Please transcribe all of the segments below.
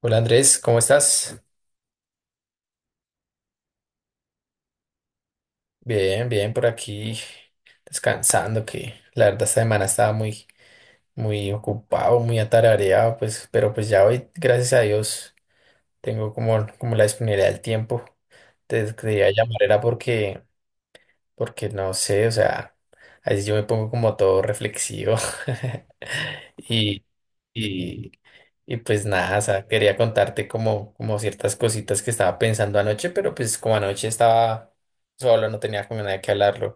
Hola Andrés, ¿cómo estás? Bien, bien, por aquí descansando, que la verdad esta semana estaba muy ocupado, muy atareado, pues, pero pues ya hoy, gracias a Dios, tengo como la disponibilidad del tiempo. Te quería llamar era porque, porque no sé, o sea, a veces yo me pongo como todo reflexivo y, y, Y pues nada, o sea, quería contarte como ciertas cositas que estaba pensando anoche, pero pues como anoche estaba solo, no tenía con nadie que hablarlo.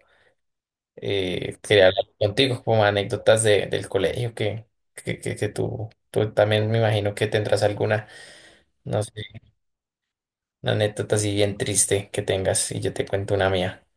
Quería hablar contigo como anécdotas de, del colegio que, que tú también me imagino que tendrás alguna, no sé, una anécdota así bien triste que tengas y yo te cuento una mía.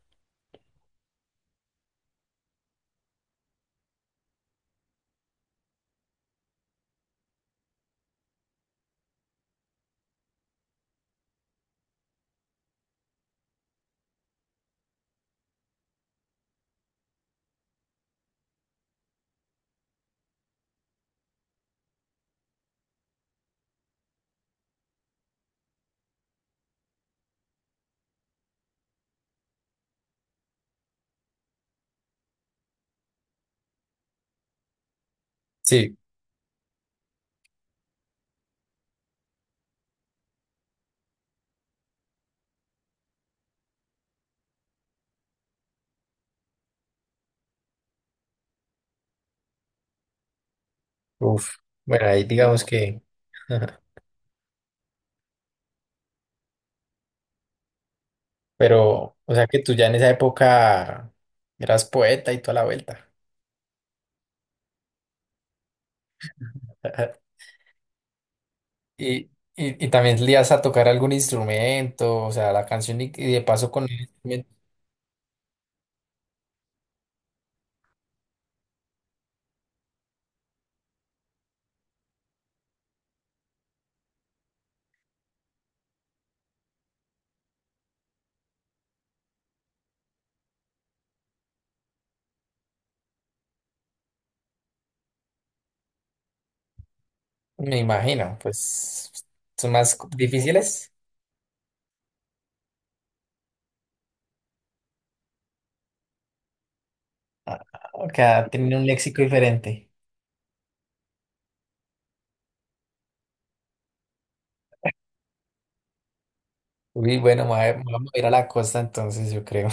Sí, uf, bueno, ahí digamos que, pero, o sea que tú ya en esa época eras poeta y toda la vuelta. Y, y también le ibas a tocar algún instrumento, o sea, la canción y de paso con el instrumento, me imagino, pues son más co- difíciles. Ah, ok, tienen un léxico diferente. Uy, bueno, ma- vamos a ir a la costa entonces, yo creo.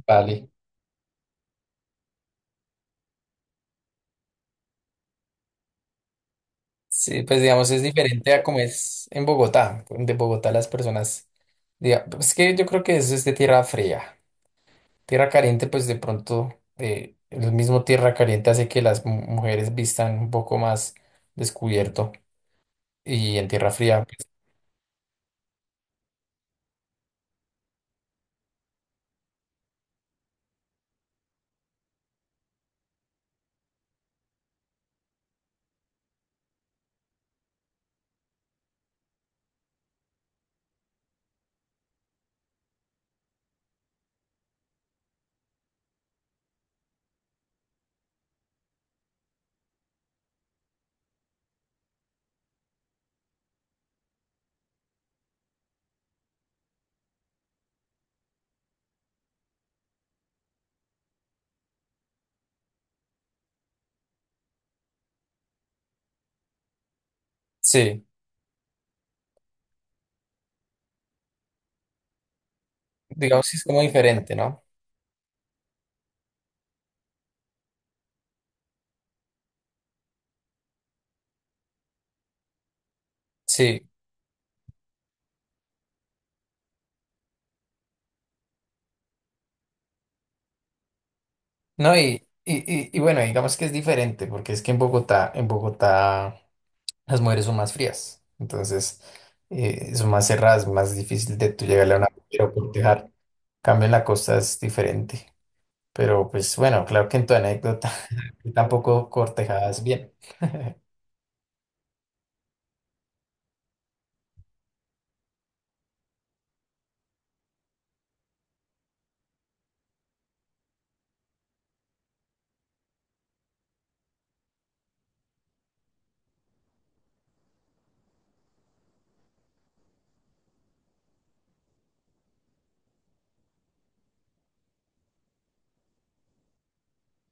Vale. Sí, pues digamos, es diferente a como es en Bogotá. De Bogotá las personas, diga- pues, es que yo creo que eso es de tierra fría. Tierra caliente, pues de pronto el mismo tierra caliente hace que las mu- mujeres vistan un poco más descubierto y en tierra fría, pues, sí, digamos que es como diferente, ¿no? Sí, no, y bueno, digamos que es diferente porque es que en Bogotá las mujeres son más frías, entonces son más cerradas, más difícil de tú llegarle a una mujer o cortejar. Cambio en la costa es diferente, pero pues bueno, claro que en tu anécdota tú tampoco cortejadas bien.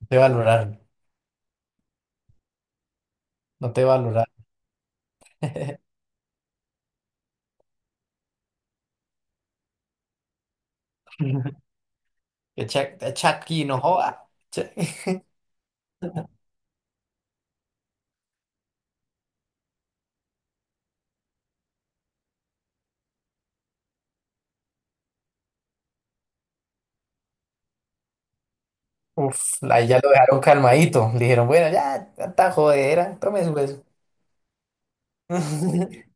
Te valoraron, no te valoraron. Que Chuck, Chucky no joda. Ch- Uf, ahí ya lo dejaron calmadito. Le dijeron, bueno, ya, tanta jodera, tome su beso.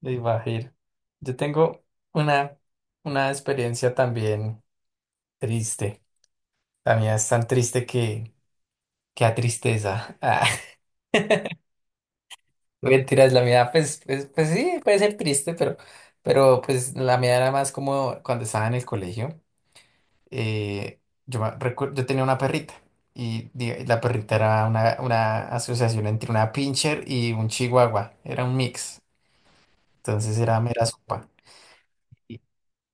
Me imagino. Yo tengo una, una experiencia también triste. La mía es tan triste que a tristeza. Ah. Mentiras, la mía, pues, pues sí, puede ser triste, pero pues la mía era más como cuando estaba en el colegio. eh, yo, me recu- yo tenía una perrita y di- la perrita era una asociación entre una pincher y un chihuahua, era un mix, entonces era mera sopa. Y-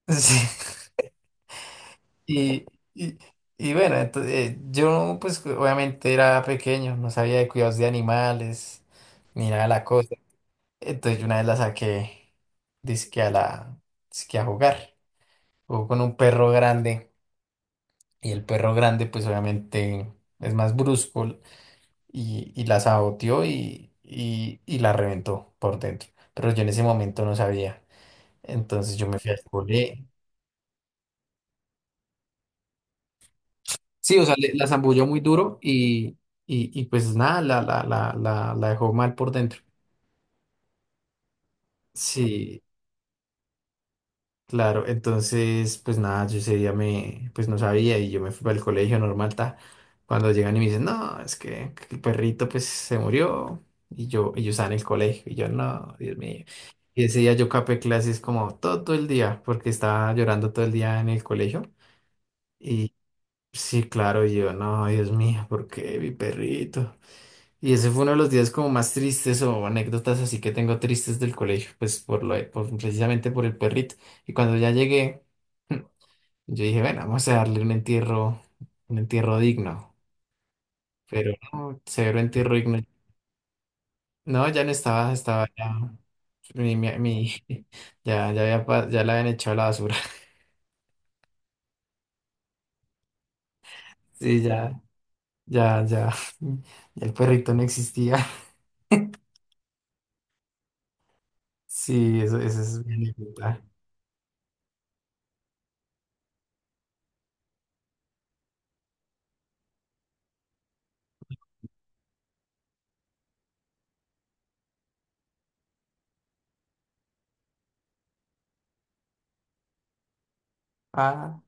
sí, y- y bueno, entonces, yo pues obviamente era pequeño, no sabía de cuidados de animales, ni nada de la cosa. Entonces yo una vez la saqué, dizque a la, dizque a jugar, jugó con un perro grande y el perro grande pues obviamente es más brusco, y la saboteó y, y la reventó por dentro. Pero yo en ese momento no sabía. Entonces yo me fui al cole. Sí, o sea, le- la zambulló muy duro y pues nada, la dejó mal por dentro. Sí, claro, entonces, pues nada, yo ese día me, pues no sabía y yo me fui para el colegio normal, ta. Cuando llegan y me dicen, no, es que el perrito pues se murió y yo estaba en el colegio y yo, no, Dios mío. Y ese día yo capé clases como todo el día porque estaba llorando todo el día en el colegio y sí, claro, y yo, no, Dios mío, ¿por qué mi perrito? Y ese fue uno de los días como más tristes o anécdotas así que tengo tristes del colegio, pues por lo, de- por- precisamente por el perrito. Y cuando ya llegué, yo dije, bueno, vamos a darle un entierro digno. Pero no, cero entierro digno. No, ya no estaba, estaba ya, mi- ya, ya había, pa- ya la habían echado a la basura. Sí, ya, ya el perrito no existía. Sí, eso es mi anécdota. Ah,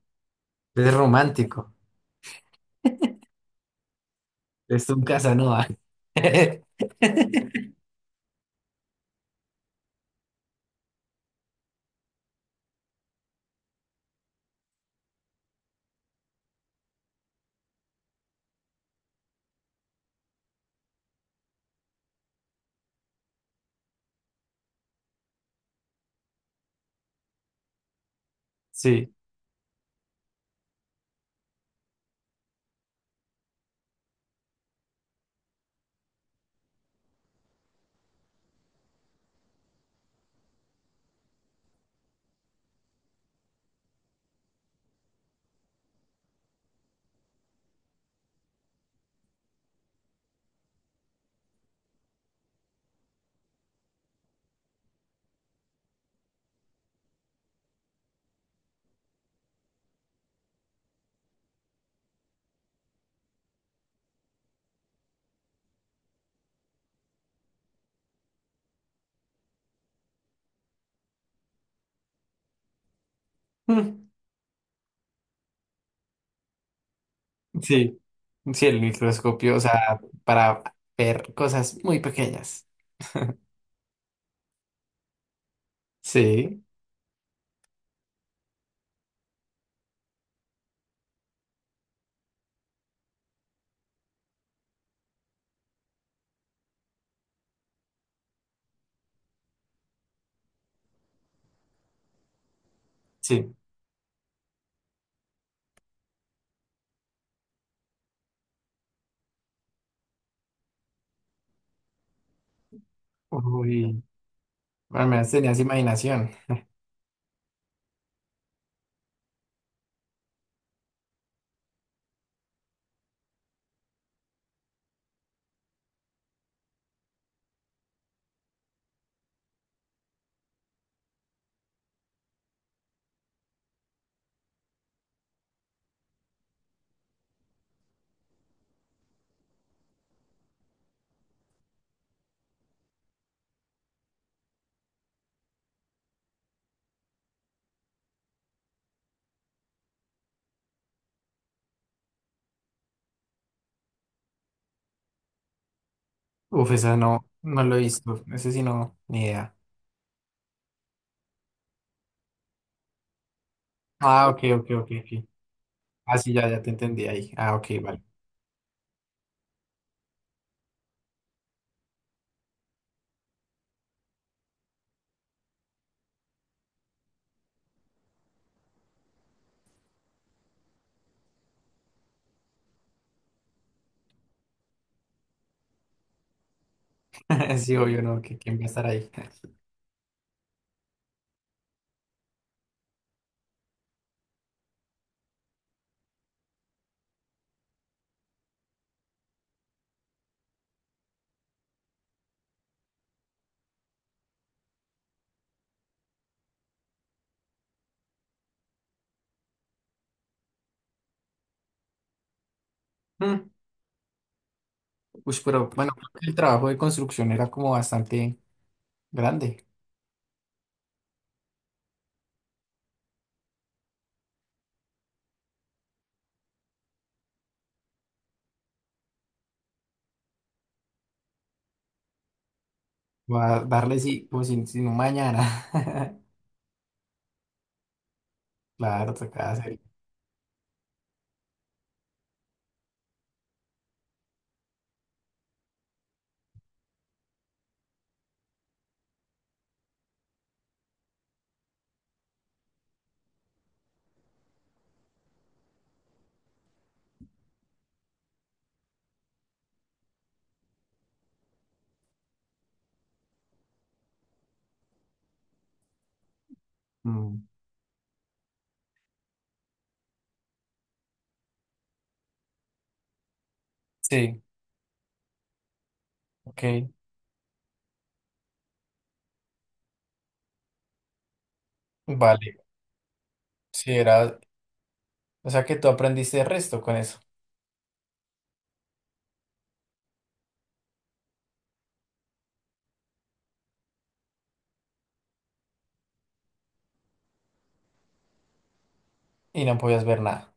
es romántico. Es un Casanova. Sí, mm, sí, sí, el microscopio, o sea, para ver cosas muy pequeñas. Sí, sí. Uy, al menos tenías imaginación. Uf, esa no, no lo he visto. Ese sí no, ni idea. Ah, ok. Ah, sí, ya, ya te entendí ahí. Ah, ok, vale. Sí, obvio, no, que quién va a estar ahí. Mm. Ush, pero bueno, creo que el trabajo de construcción era como bastante grande. Va a darle sí, como sin un mañana. Claro, toca hacer. Mm. Sí, ok, vale. Sí, era, o sea que tú aprendiste el resto con eso y no podías ver nada.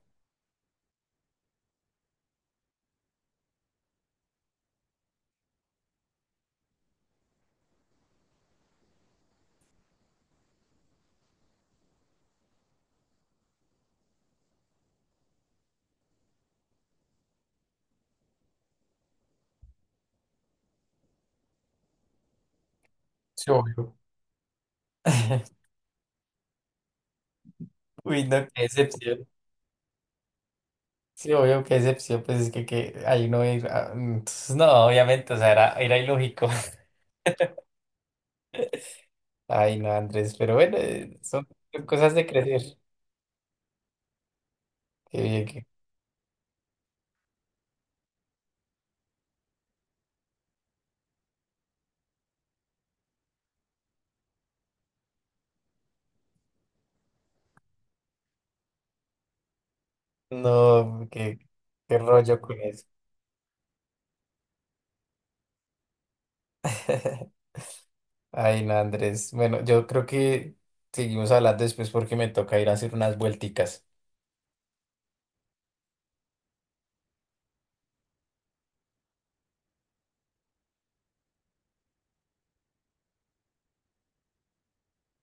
Sí, obvio. Uy, no, qué excepción. Sí, obvio, qué excepción, pues es que ahí no ir. Ah, entonces, no, obviamente, o sea, era, era ilógico. Ay, no, Andrés, pero bueno, son, son cosas de crecer. Qué bien, qué- no, qué, qué rollo con eso. Ay, no, Andrés. Bueno, yo creo que seguimos hablando después porque me toca ir a hacer unas vuelticas.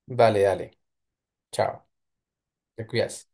Vale, dale. Chao. Te cuidas.